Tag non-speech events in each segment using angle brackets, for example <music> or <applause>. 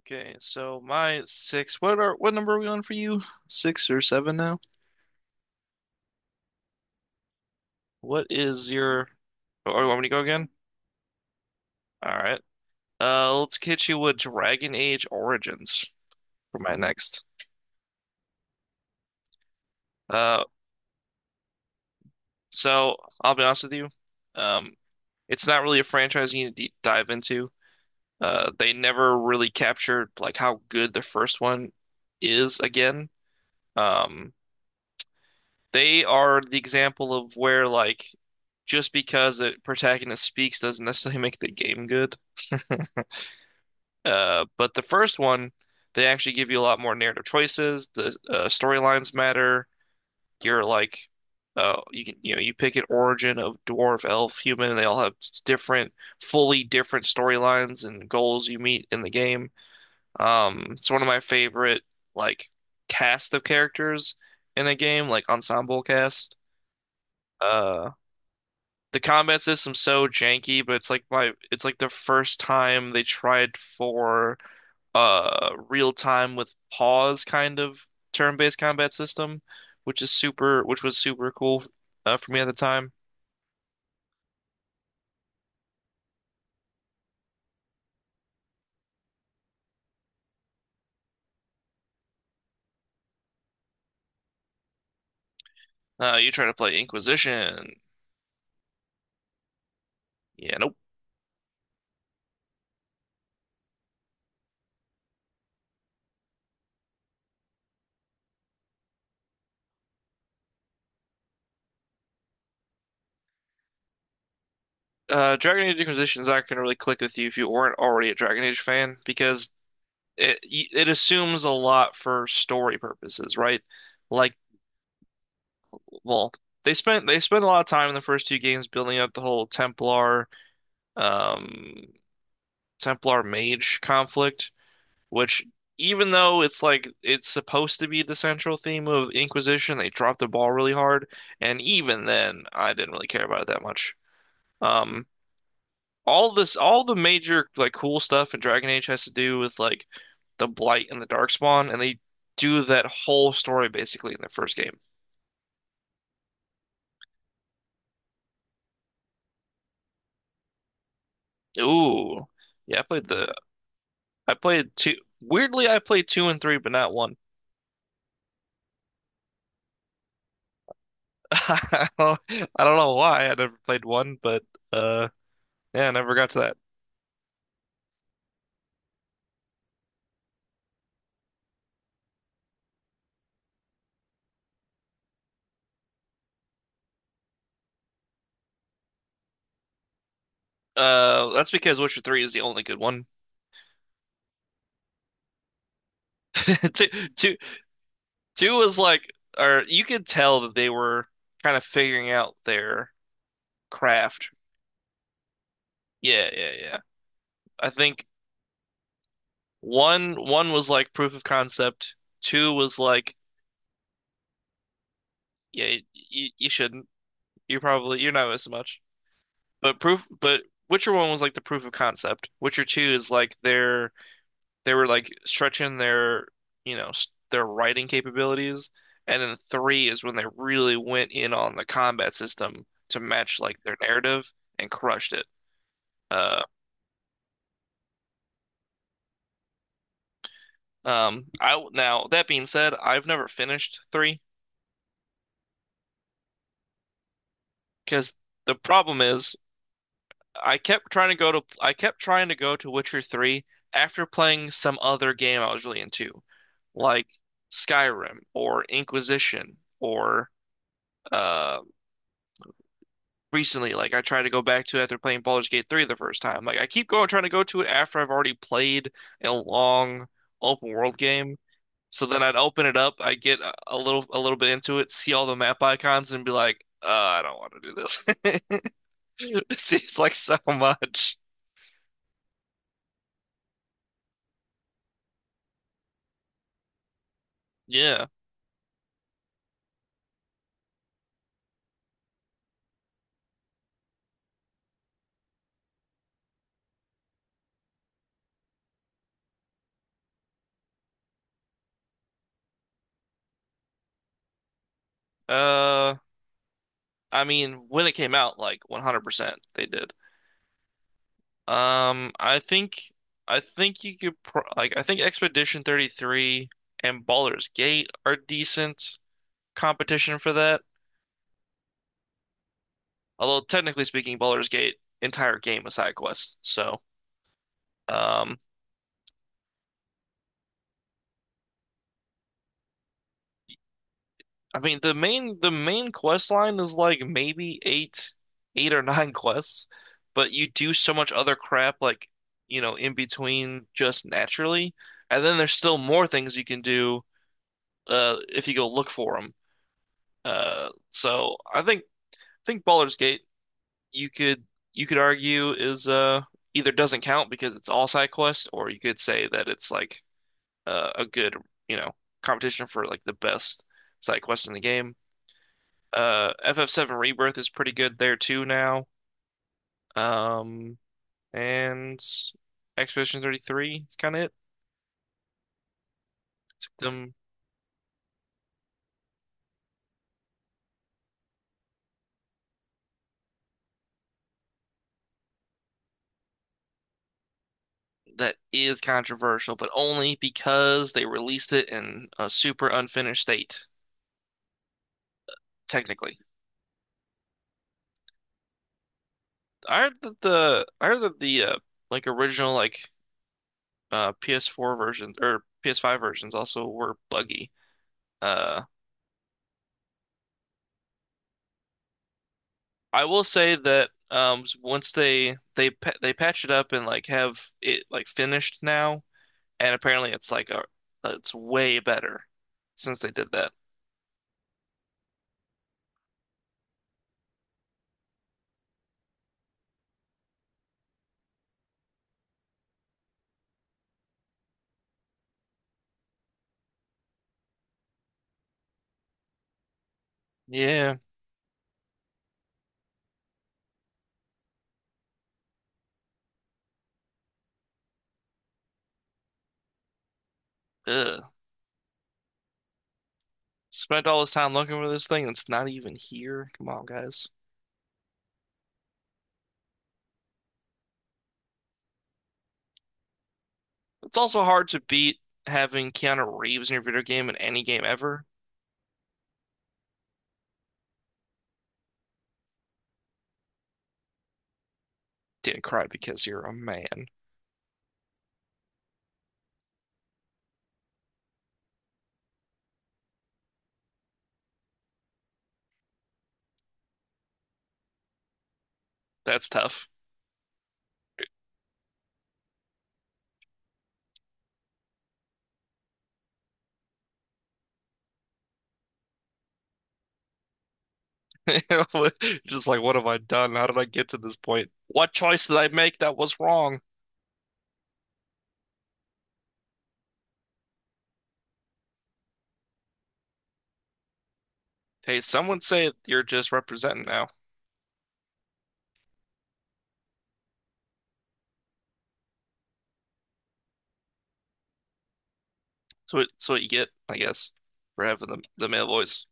Okay, so my six. What number are we on for you? Six or seven now? What is your? Oh, oh, you want me to go again? All right. Let's hit you with Dragon Age Origins for my next. Uh, so I'll be honest with you. Um, it's not really a franchise you need to dive into. They never really captured like how good the first one is again. Um, They are the example of where like just because a protagonist speaks doesn't necessarily <laughs> make the game good. <laughs> But the first one, they actually give you a lot more narrative choices. The storylines matter. You're like, you can you pick an origin of dwarf, elf, human, and they all have different, fully different storylines and goals you meet in the game. It's one of my favorite like cast of characters in a game, like ensemble cast. Uh, the combat system's so janky, but it's like the first time they tried for real time with pause kind of turn-based combat system, which is super which was super cool for me at the time. You try to play Inquisition. Yeah, nope. Dragon Age Inquisition is not going to really click with you if you weren't already a Dragon Age fan because it assumes a lot for story purposes, right? Like well, they spent a lot of time in the first two games building up the whole um Templar mage conflict, which even though it's supposed to be the central theme of Inquisition, they dropped the ball really hard, and even then I didn't really care about it that much. Um all this all the major like cool stuff in Dragon Age has to do with like the Blight and the Darkspawn, and they do that whole story basically in the first game. Ooh. Yeah, I played two. Weirdly, I played two and three, but not one. <laughs> I don't know why. I never played one, but uh, yeah, I never got to that. That's because Witcher three is the only good one. <laughs> Two, two, two was like, or you could tell that they were kind of figuring out their craft. Yeah, yeah, yeah. I think one was like proof of concept. Two was like, yeah, you shouldn't. You're not missing much. But proof, but Witcher One was like the proof of concept. Witcher Two is like they were like stretching their their writing capabilities, and then three is when they really went in on the combat system to match like their narrative and crushed it. Uh, I Now that being said, I've never finished three because the problem is. I kept trying to go to Witcher 3 after playing some other game I was really into, like Skyrim or Inquisition or uh recently, like I tried to go back to it after playing Baldur's Gate 3 the first time. Like I keep going trying to go to it after I've already played a long open world game. So then I'd open it up, I get a little bit into it, see all the map icons and be like, I don't want to do this. <laughs> It seems like so much. Yeah. Uh I mean, when it came out, like 100% they did. Um, I think I think you could pro like I think Expedition 33 and Baldur's Gate are decent competition for that. Although technically speaking, Baldur's Gate entire game is side quests. So, um, I mean the main quest line is like maybe eight or nine <laughs> quests, but you do so much other crap like you know in between just naturally, and then there's still more things you can do if you go look for them. So I think Baldur's Gate you could you could argue is either doesn't count because it's all side quests, or you could say that it's like a good you know competition for like the best side quest in the game. FF7 Rebirth is pretty good there too now. Um, and Expedition 33 is kind of it. Them That is controversial, but only because they released it in a super unfinished state. Technically. Aren't the like original like PS4 versions or PS5 versions also were buggy. Uh, I will say that once they patch it up and like have it like finished now, and apparently it's like a it's way better since they did that. Yeah, ugh. Spent all this time looking for this thing, and it's not even here. Come on, guys. It's also hard to beat having Keanu Reeves in your video game in any game ever. Didn't cry because you're a man. That's tough. <laughs> Just like, what have I done? How did I get to this point? What choice did I make that was wrong? Hey, someone say you're just representing now. So it's what you get, I guess, for having the male voice.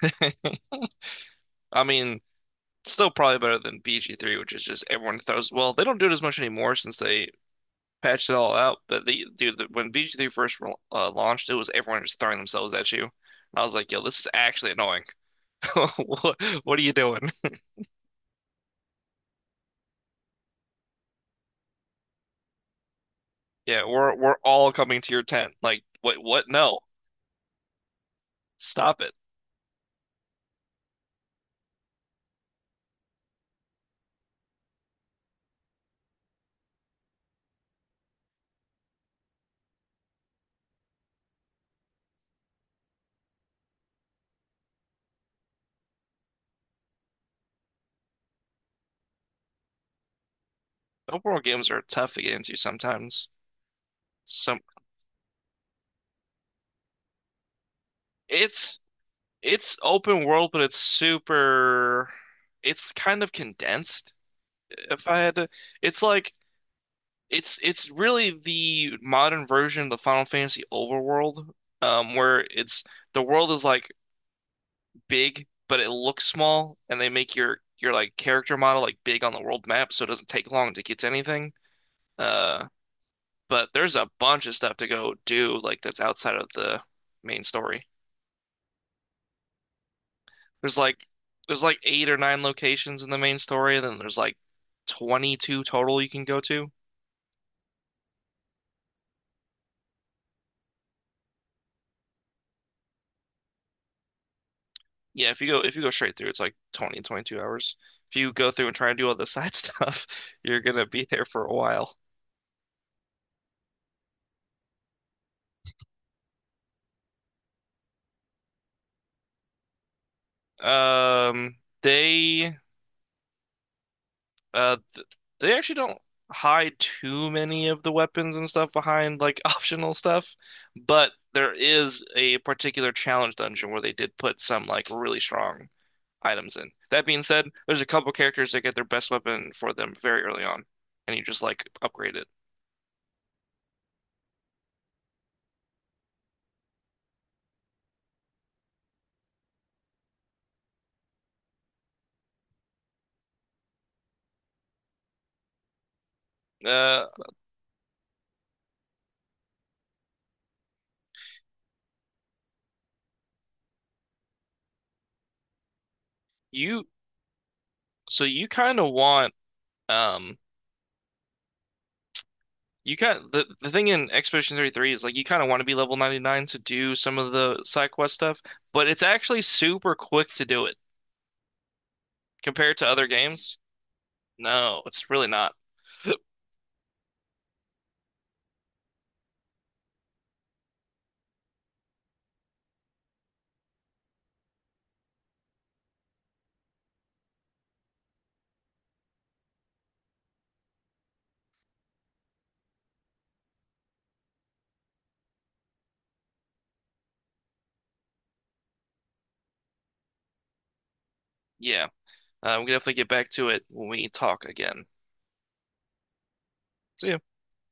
<laughs> I mean, it's still probably better than BG3, which is just everyone throws. Well, they don't do it as much anymore since they patched it all out. But they, dude, when bg three first launched, it was everyone just throwing themselves at you. I was like, yo, this is actually annoying. <laughs> What are you doing? Yeah, we're all coming to your tent. Like, what? What? No, stop it. Open world games are tough to get into sometimes. Some It's open world, but it's super. It's kind of condensed. If I had to, It's like it's really the modern version of the Final Fantasy overworld, where it's the world is like big, but it looks small, and they make your like character model like big on the world map, so it doesn't take long to get to anything. Uh, But there's a bunch of stuff to go do, like that's outside of the main story. There's like there's like eight or nine locations in the main story, and then there's like 22 total you can go to. Yeah, if you go straight through, it's like 20, 22 hours. If you go through and try and do all the side <laughs> stuff, you're gonna be there for a while. Um, they Uh, th they actually don't hide too many of the weapons and stuff behind like <laughs> optional stuff, but there is a particular challenge dungeon where they did put some like really strong items in. That being said, there's a couple characters that get their best weapon for them very early on, and you just like upgrade it. Uh, you So you kind of want um. You kind the thing in Expedition 33 is like you kind of want to be level 99 to do some of the side quest stuff, but it's actually super quick to do it. Compared to other games, no, it's really not. <laughs> Yeah, we can definitely get back to it when we talk again. See ya.